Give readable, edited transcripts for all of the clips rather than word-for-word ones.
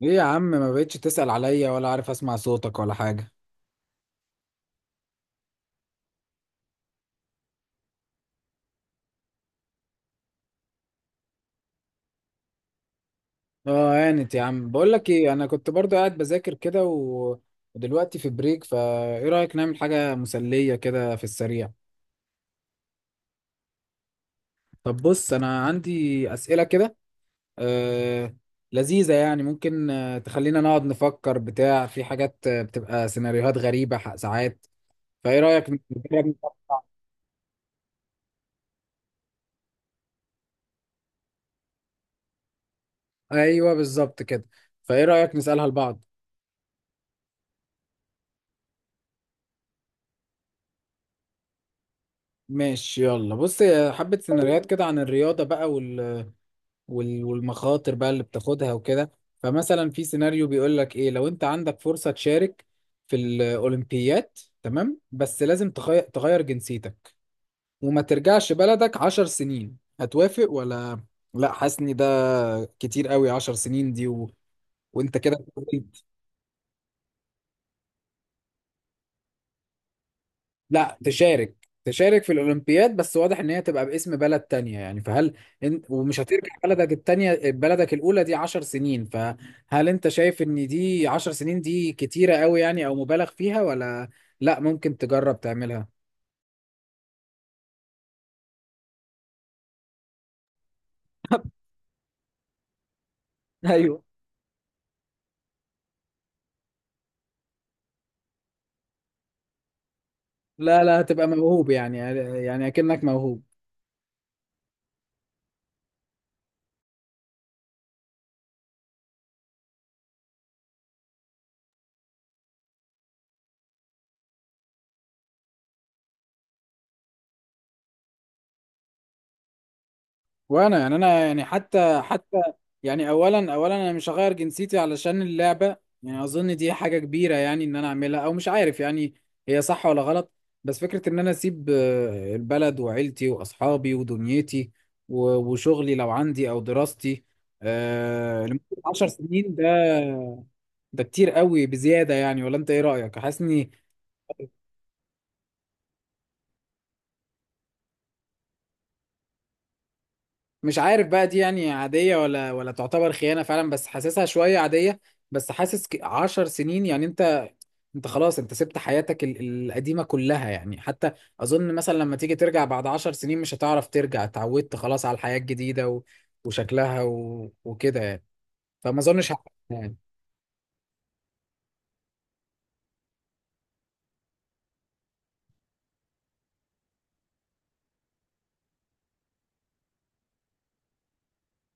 ليه يا عم ما بقتش تسأل عليا ولا عارف اسمع صوتك ولا حاجة؟ اه، هانت يا عم. بقول لك ايه، انا كنت برضو قاعد بذاكر كده ودلوقتي في بريك، فايه رأيك نعمل حاجة مسلية كده في السريع؟ طب بص، انا عندي أسئلة كده آه... لذيذة، يعني ممكن تخلينا نقعد نفكر بتاع في حاجات بتبقى سيناريوهات غريبة ساعات. فايه رأيك نجرب- ايوه بالظبط كده. فايه رأيك نسألها لبعض؟ ماشي، يلا بص. حبة سيناريوهات كده عن الرياضة بقى، والمخاطر بقى اللي بتاخدها وكده. فمثلا في سيناريو بيقول لك ايه، لو انت عندك فرصة تشارك في الأولمبياد، تمام، بس لازم تغير جنسيتك وما ترجعش بلدك 10 سنين، هتوافق ولا؟ لا، حاسس ان ده كتير قوي. 10 سنين دي وانت كده. لا، تشارك في الأولمبياد بس، واضح إن هي تبقى باسم بلد تانية، يعني فهل ومش هترجع بلدك التانية بلدك الأولى دي 10 سنين، فهل أنت شايف إن دي 10 سنين دي كتيرة قوي يعني، أو مبالغ فيها ولا؟ لا ممكن تجرب تعملها؟ ايوه، لا لا، هتبقى موهوب يعني. يعني أكنك موهوب. وانا يعني، انا يعني حتى. يعني اولا انا مش هغير جنسيتي علشان اللعبه. يعني اظن دي حاجه كبيره يعني، ان انا اعملها، او مش عارف يعني هي صح ولا غلط. بس فكره ان انا اسيب البلد وعيلتي واصحابي ودنيتي وشغلي لو عندي او دراستي لمده 10 سنين، ده ده كتير قوي بزياده يعني. ولا انت ايه رايك، حاسس اني مش عارف بقى دي يعني عاديه ولا تعتبر خيانه فعلا، بس حاسسها شويه عاديه. بس حاسس 10 سنين يعني انت خلاص، انت سبت حياتك القديمة كلها يعني. حتى اظن مثلا لما تيجي ترجع بعد 10 سنين مش هتعرف ترجع، اتعودت خلاص على الحياة الجديدة وشكلها وكده يعني. فما اظنش هعمل يعني.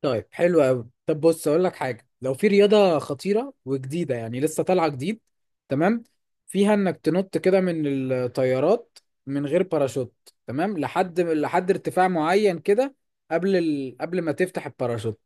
طيب، حلو قوي. طب بص، اقول لك حاجه، لو في رياضه خطيره وجديده، يعني لسه طالعه جديد، تمام، فيها انك تنط كده من الطيارات من غير باراشوت، تمام، لحد ارتفاع معين كده، قبل ما تفتح الباراشوت،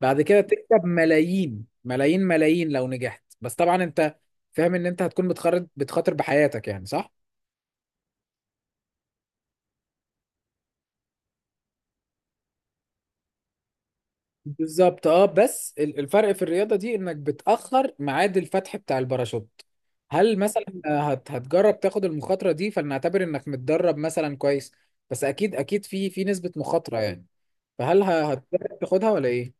بعد كده تكسب ملايين ملايين ملايين لو نجحت، بس طبعا انت فاهم ان انت هتكون بتخرج بتخاطر بحياتك يعني، صح؟ بالظبط، اه، بس الفرق في الرياضة دي انك بتأخر ميعاد الفتح بتاع الباراشوت. هل مثلا هتجرب تاخد المخاطرة دي؟ فلنعتبر انك متدرب مثلا كويس، بس اكيد اكيد في نسبة مخاطرة يعني، فهل هتجرب تاخدها ولا ايه؟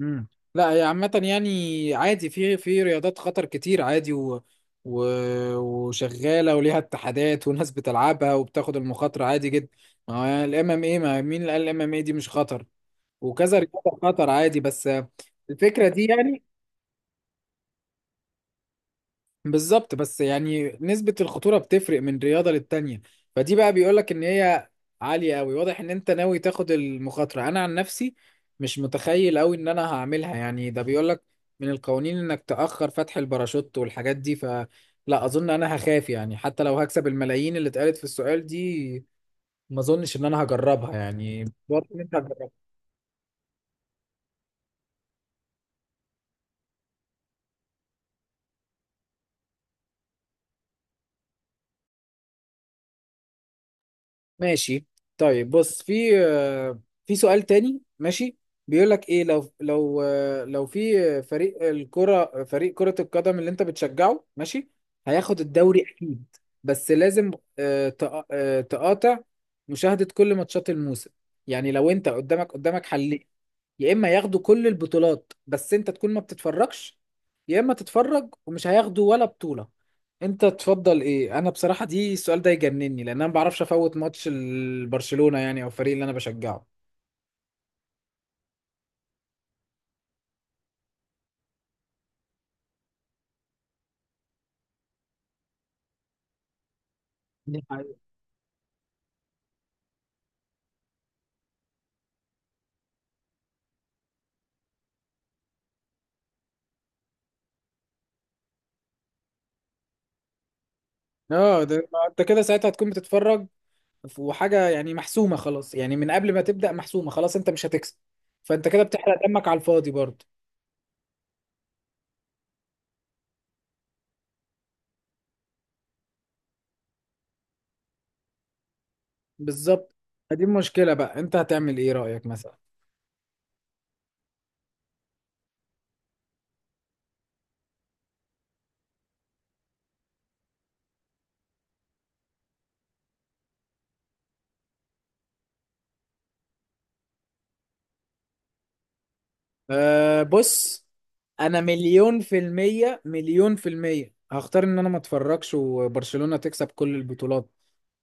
امم لا، هي عامة يعني عادي، في رياضات خطر كتير عادي و... وشغالة وليها اتحادات وناس بتلعبها وبتاخد المخاطرة عادي جدا. ما هو الام ام ايه، ما مين اللي قال الام ام ايه دي مش خطر؟ وكذا رياضة خطر عادي، بس الفكرة دي يعني. بالظبط، بس يعني نسبة الخطورة بتفرق من رياضة للتانية. فدي بقى بيقولك إن هي عالية أوي، واضح إن أنت ناوي تاخد المخاطرة. أنا عن نفسي مش متخيل أوي إن أنا هعملها يعني، ده بيقولك من القوانين إنك تأخر فتح الباراشوت والحاجات دي، فلا، أظن أنا هخاف يعني، حتى لو هكسب الملايين اللي اتقالت في السؤال دي، ما أظنش إن أنا هجربها يعني، برضه أنت. ماشي. طيب، بص، في سؤال تاني. ماشي. بيقول لك ايه، لو لو في فريق الكرة، فريق كرة القدم اللي انت بتشجعه، ماشي، هياخد الدوري اكيد، بس لازم تقاطع مشاهدة كل ماتشات الموسم. يعني لو انت قدامك حل، يا اما ياخدوا كل البطولات بس انت تكون ما بتتفرجش، يا اما تتفرج ومش هياخدوا ولا بطولة، انت تفضل ايه؟ انا بصراحة دي السؤال ده يجنني، لان انا ما بعرفش افوت ماتش برشلونة يعني، او الفريق اللي انا بشجعه. دي حقيقة. اه، ده انت كده ساعتها هتكون بتتفرج وحاجة يعني محسومة خلاص، يعني من قبل ما تبدأ محسومة خلاص، انت مش هتكسب، فانت كده بتحرق دمك على الفاضي برضه. بالظبط. فدي المشكلة بقى، انت هتعمل ايه رأيك مثلا؟ أه، بص، انا مليون في المية، مليون في المية هختار ان انا ما اتفرجش وبرشلونة تكسب كل البطولات.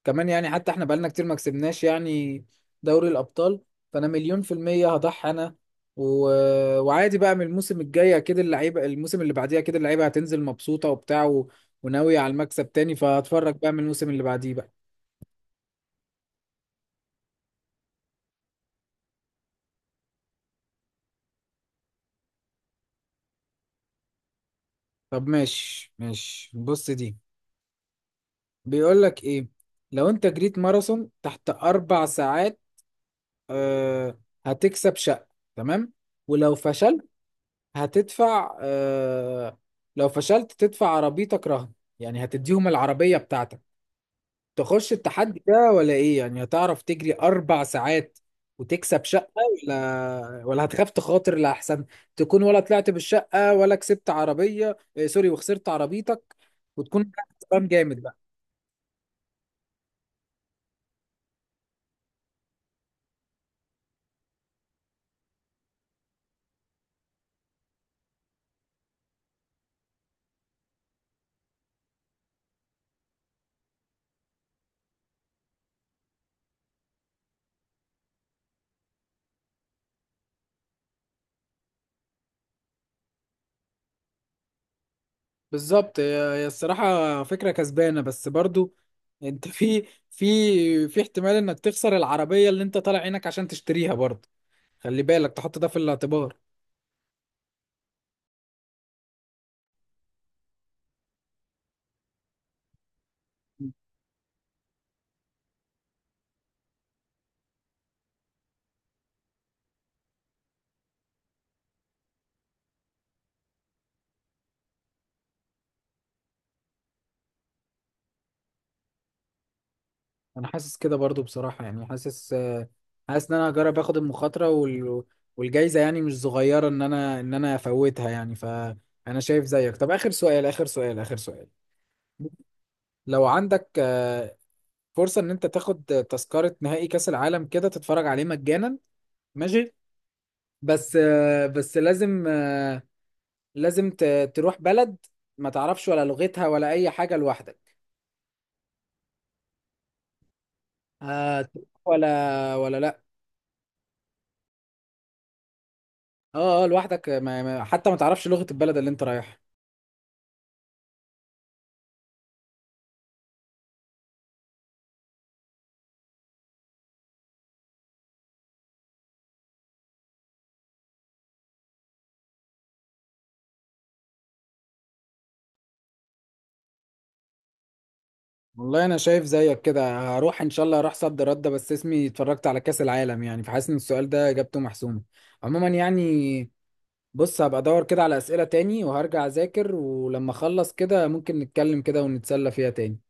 كمان يعني، حتى احنا بقالنا كتير ما كسبناش يعني دوري الابطال. فانا مليون في المية هضحي انا و... وعادي بقى، من الموسم الجاي اكيد اللعيبة، الموسم اللي بعديه اكيد اللعيبة هتنزل مبسوطة وبتاع وناوية على المكسب تاني، فهتفرج بقى من الموسم اللي بعديه بقى. طب، ماشي ماشي، بص دي بيقول لك ايه، لو انت جريت ماراثون تحت 4 ساعات آه، هتكسب شقة، تمام، ولو فشلت هتدفع آه، لو فشلت تدفع عربيتك رهن، يعني هتديهم العربية بتاعتك. تخش التحدي ده ولا ايه؟ يعني هتعرف تجري 4 ساعات وتكسب شقة، ولا هتخاف تخاطر لأحسن تكون ولا طلعت بالشقة ولا كسبت عربية، سوري، وخسرت عربيتك وتكون كسبان جامد. بالظبط، هي الصراحة فكرة كسبانة، بس برضو انت في في احتمال انك تخسر العربية اللي انت طالع عينك عشان تشتريها، برضو خلي بالك تحط ده في الاعتبار. انا حاسس كده برضو بصراحة، يعني حاسس ان انا هجرب اخد المخاطرة والجايزة يعني مش صغيرة ان انا افوتها يعني، فانا شايف زيك. طب اخر سؤال، اخر سؤال، اخر سؤال. لو عندك فرصة ان انت تاخد تذكرة نهائي كأس العالم كده تتفرج عليه مجانا، ماشي، بس لازم لازم تروح بلد ما تعرفش ولا لغتها ولا اي حاجه لوحدك، تروح ولا لا؟ اه اه، لوحدك، حتى ما تعرفش لغه البلد اللي انت رايحها. والله انا شايف زيك كده، هروح ان شاء الله، هروح صد رد، بس اسمي اتفرجت على كاس العالم يعني، فحاسس ان السؤال ده اجابته محسومه عموما يعني. بص، هبقى ادور كده على اسئله تاني وهرجع اذاكر، ولما اخلص كده ممكن نتكلم كده ونتسلى فيها تاني.